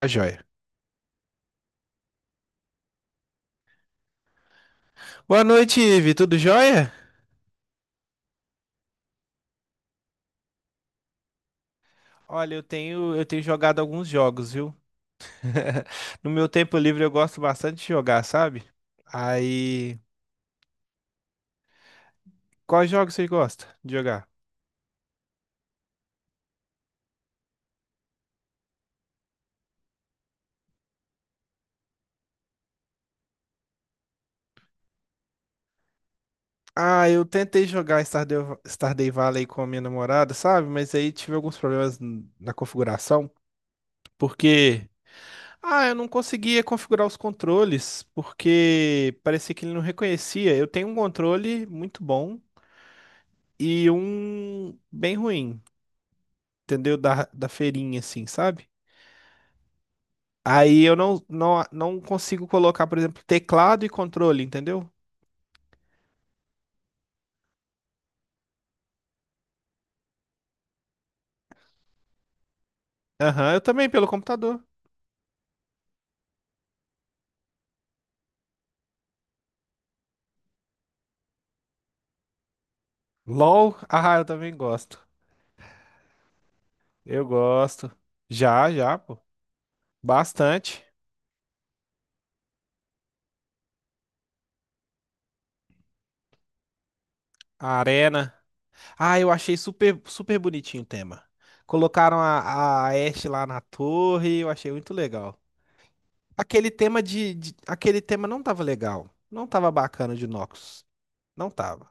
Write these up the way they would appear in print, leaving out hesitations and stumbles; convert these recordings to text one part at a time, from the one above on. Tá joia. Boa noite, Ivi. Tudo jóia? Olha, eu tenho jogado alguns jogos, viu? No meu tempo livre eu gosto bastante de jogar, sabe? Aí, quais jogos você gosta de jogar? Ah, eu tentei jogar Stardew Valley com a minha namorada, sabe? Mas aí tive alguns problemas na configuração, porque ah, eu não conseguia configurar os controles, porque parecia que ele não reconhecia. Eu tenho um controle muito bom e um bem ruim. Entendeu? Da feirinha, assim, sabe? Aí eu não consigo colocar, por exemplo, teclado e controle, entendeu? Aham, eu também, pelo computador. LOL, ah, eu também gosto. Eu gosto. Já, já, pô. Bastante. A arena. Ah, eu achei super, super bonitinho o tema. Colocaram a Ashe lá na torre, eu achei muito legal. Aquele tema Aquele tema não tava legal. Não tava bacana de Noxus. Não tava.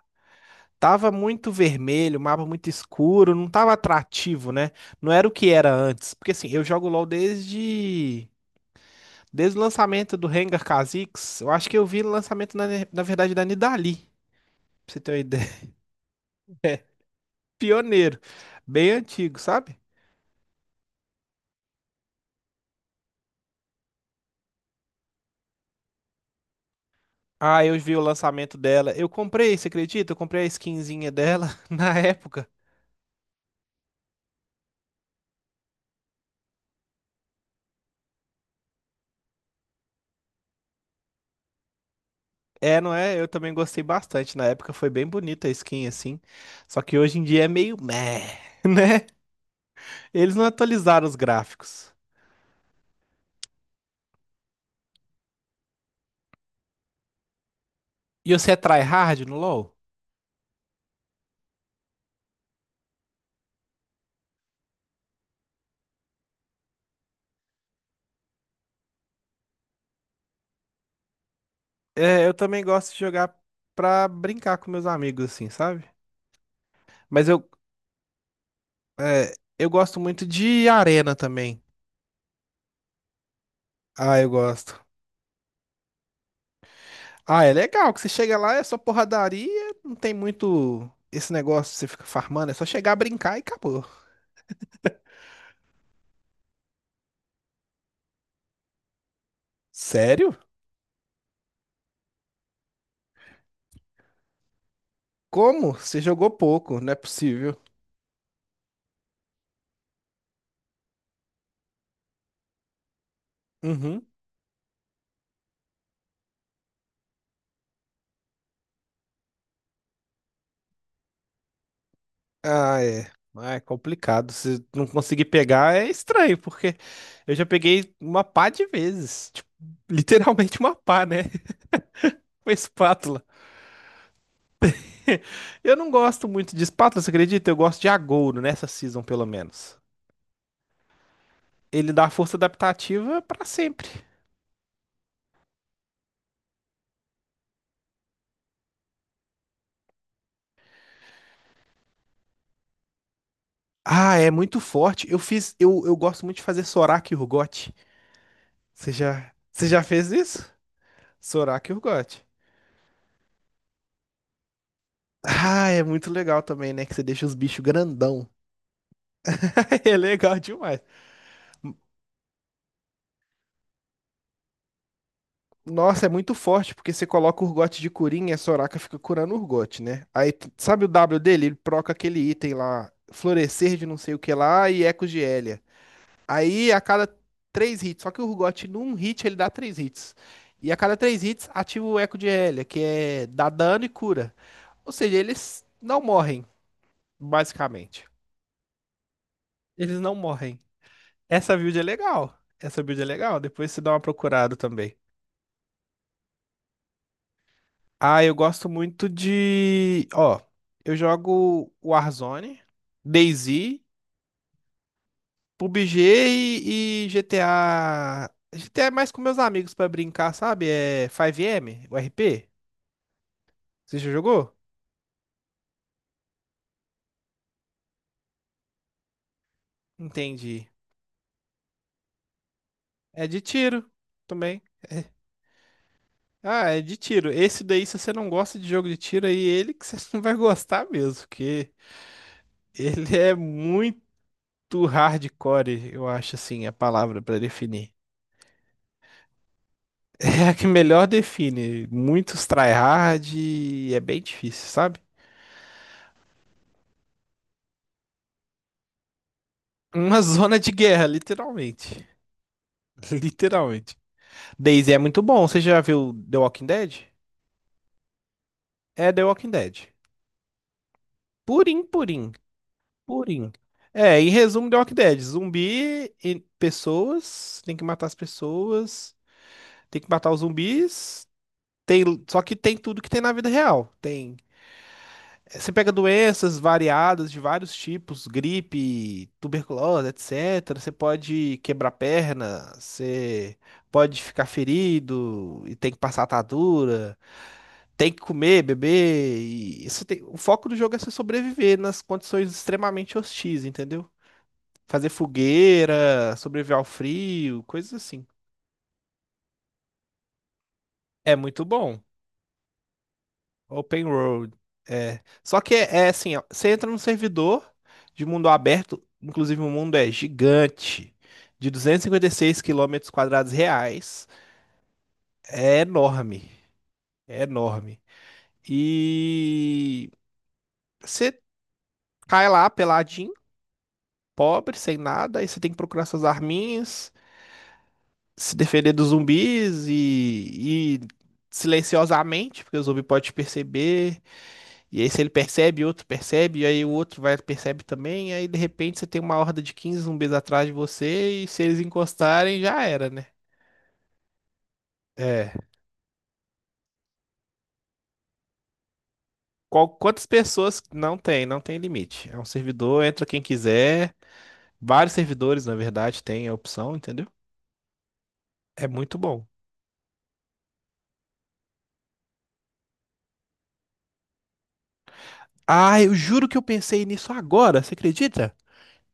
Tava muito vermelho, o mapa muito escuro, não tava atrativo, né? Não era o que era antes. Porque assim, eu jogo LoL desde o lançamento do Rengar Kha'Zix. Eu acho que eu vi o lançamento na verdade da Nidalee, pra você ter uma ideia. É, Pioneiro, bem antigo, sabe? Ah, eu vi o lançamento dela. Eu comprei, você acredita? Eu comprei a skinzinha dela na época. É, não é? Eu também gostei bastante. Na época foi bem bonita a skin, assim. Só que hoje em dia é meio meh, né? Eles não atualizaram os gráficos. E você é tryhard no LoL? É, eu também gosto de jogar pra brincar com meus amigos, assim, sabe? Mas eu, é, eu gosto muito de arena também. Ah, eu gosto. Ah, é legal que você chega lá, é só porradaria, não tem muito esse negócio, você fica farmando, é só chegar a brincar e acabou. Sério? Como? Você jogou pouco, não é possível. Uhum. Ah, é. Ah, é complicado. Se não conseguir pegar, é estranho, porque eu já peguei uma pá de vezes. Tipo, literalmente uma pá, né? Uma espátula. Eu não gosto muito de espátula, você acredita? Eu gosto de agouro, nessa season, pelo menos. Ele dá força adaptativa pra sempre. Ah, é muito forte. Eu fiz. Eu gosto muito de fazer Sorak e Urgot. Você já fez isso? Sorak e Urgot. Ah, é muito legal também, né? Que você deixa os bichos grandão. É legal demais. Nossa, é muito forte, porque você coloca o Urgot de Curinha, e a Soraka fica curando o Urgot, né? Aí, sabe o W dele? Ele proca aquele item lá, Florescer de não sei o que lá e Ecos de Hélia. Aí, a cada três hits, só que o Urgot num hit ele dá três hits. E a cada três hits, ativa o Eco de Hélia, que é dá dano e cura. Ou seja, eles não morrem, basicamente. Eles não morrem. Essa build é legal. Essa build é legal. Depois você dá uma procurada também. Ah, eu gosto muito de. Ó, eu jogo Warzone, DayZ, PUBG e GTA. GTA é mais com meus amigos pra brincar, sabe? É 5M, o RP. Você já jogou? Entendi. É de tiro também. Ah, é de tiro. Esse daí, se você não gosta de jogo de tiro, aí ele que você não vai gostar mesmo, porque ele é muito hardcore, eu acho assim a palavra pra definir. É a que melhor define. Muitos tryhard e é bem difícil, sabe? Uma zona de guerra, literalmente. Literalmente. DayZ é muito bom. Você já viu The Walking Dead? É The Walking Dead. Purim, purim, purim. É, em resumo, The Walking Dead. Zumbi e pessoas. Tem que matar as pessoas. Tem que matar os zumbis. Tem, só que tem tudo que tem na vida real. Tem você pega doenças variadas de vários tipos, gripe, tuberculose, etc. Você pode quebrar perna, você pode ficar ferido e tem que passar atadura, tem que comer, beber. E isso tem... O foco do jogo é você sobreviver nas condições extremamente hostis, entendeu? Fazer fogueira, sobreviver ao frio, coisas assim. É muito bom. Open World. É. Só que é, é assim, ó, você entra num servidor de mundo aberto, inclusive o mundo é gigante, de 256 quilômetros quadrados reais. É enorme, é enorme. E você cai lá peladinho, pobre, sem nada, aí você tem que procurar suas arminhas, se defender dos zumbis e silenciosamente, porque o zumbi pode te perceber. E aí, se ele percebe, outro percebe, e aí o outro vai percebe também, e aí de repente você tem uma horda de 15 zumbis atrás de você, e se eles encostarem, já era, né? É. Quantas pessoas não tem, não tem limite. É um servidor, entra quem quiser. Vários servidores, na verdade, tem a opção, entendeu? É muito bom. Ah, eu juro que eu pensei nisso agora, você acredita?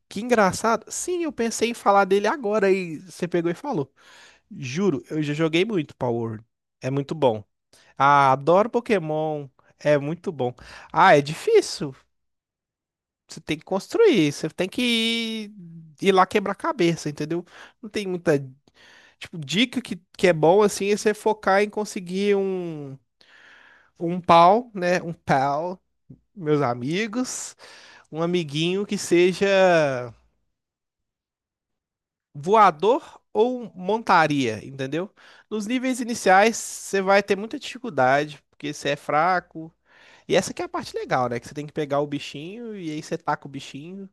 Que engraçado. Sim, eu pensei em falar dele agora e você pegou e falou. Juro, eu já joguei muito Power. É muito bom. Ah, adoro Pokémon. É muito bom. Ah, é difícil. Você tem que construir, você tem que ir, ir lá quebrar cabeça, entendeu? Não tem muita, tipo, dica que é bom assim é você focar em conseguir um pau, né? Um pal, meus amigos, um amiguinho que seja voador ou montaria, entendeu? Nos níveis iniciais, você vai ter muita dificuldade, porque você é fraco. E essa que é a parte legal, né? Que você tem que pegar o bichinho e aí você taca o bichinho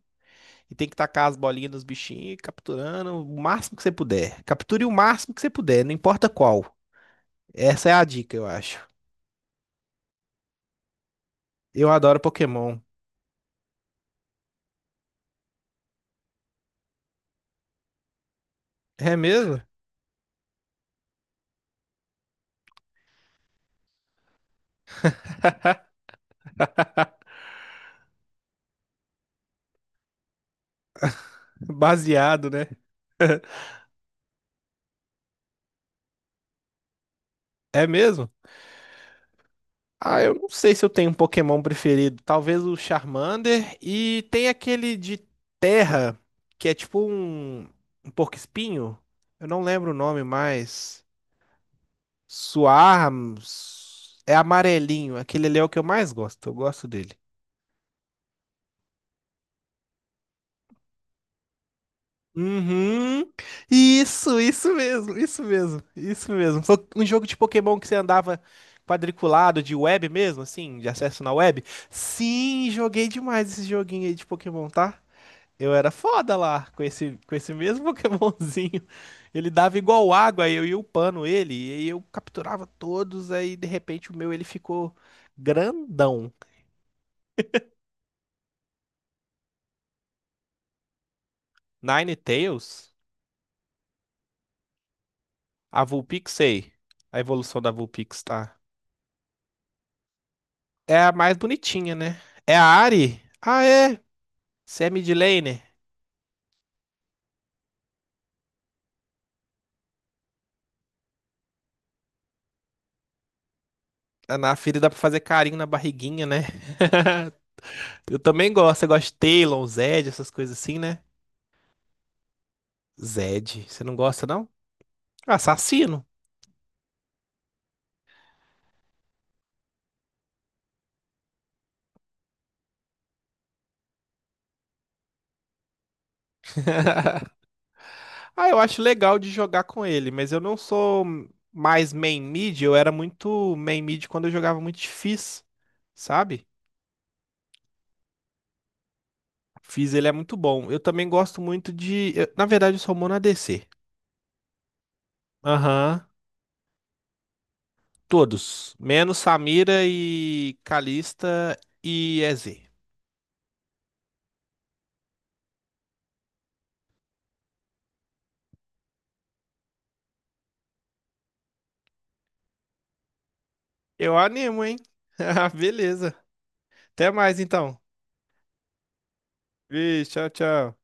e tem que tacar as bolinhas nos bichinhos, capturando o máximo que você puder. Capture o máximo que você puder, não importa qual. Essa é a dica, eu acho. Eu adoro Pokémon. É mesmo? Baseado, né? É mesmo? Ah, eu não sei se eu tenho um Pokémon preferido. Talvez o Charmander. E tem aquele de terra, que é tipo um, um porco-espinho. Eu não lembro o nome mais. Suarms. É amarelinho. Aquele ali é o que eu mais gosto. Eu gosto dele. Uhum. Isso mesmo, isso mesmo, isso mesmo. Foi um jogo de Pokémon que você andava quadriculado de web mesmo, assim, de acesso na web. Sim, joguei demais esse joguinho aí de Pokémon, tá? Eu era foda lá, com esse mesmo Pokémonzinho. Ele dava igual água, eu ia upando ele, e aí eu capturava todos, aí de repente o meu ele ficou grandão. Ninetales, a Vulpixei. A evolução da Vulpix, tá? É a mais bonitinha, né? É a Ari? Ah, é. Você é midlaner. Ah, Na filha dá pra fazer carinho na barriguinha, né? Eu também gosto, eu gosto de Talon, Zed, essas coisas assim, né? Zed, você não gosta, não? Assassino. Ah, eu acho legal de jogar com ele, mas eu não sou mais main mid, eu era muito main mid quando eu jogava muito de Fizz, sabe? Fizz ele é muito bom. Eu também gosto muito de, na verdade eu sou mono ADC. Aham, todos, menos Samira e Kalista e EZ. Eu animo, hein? Ah, beleza. Até mais então. Vixe, tchau, tchau.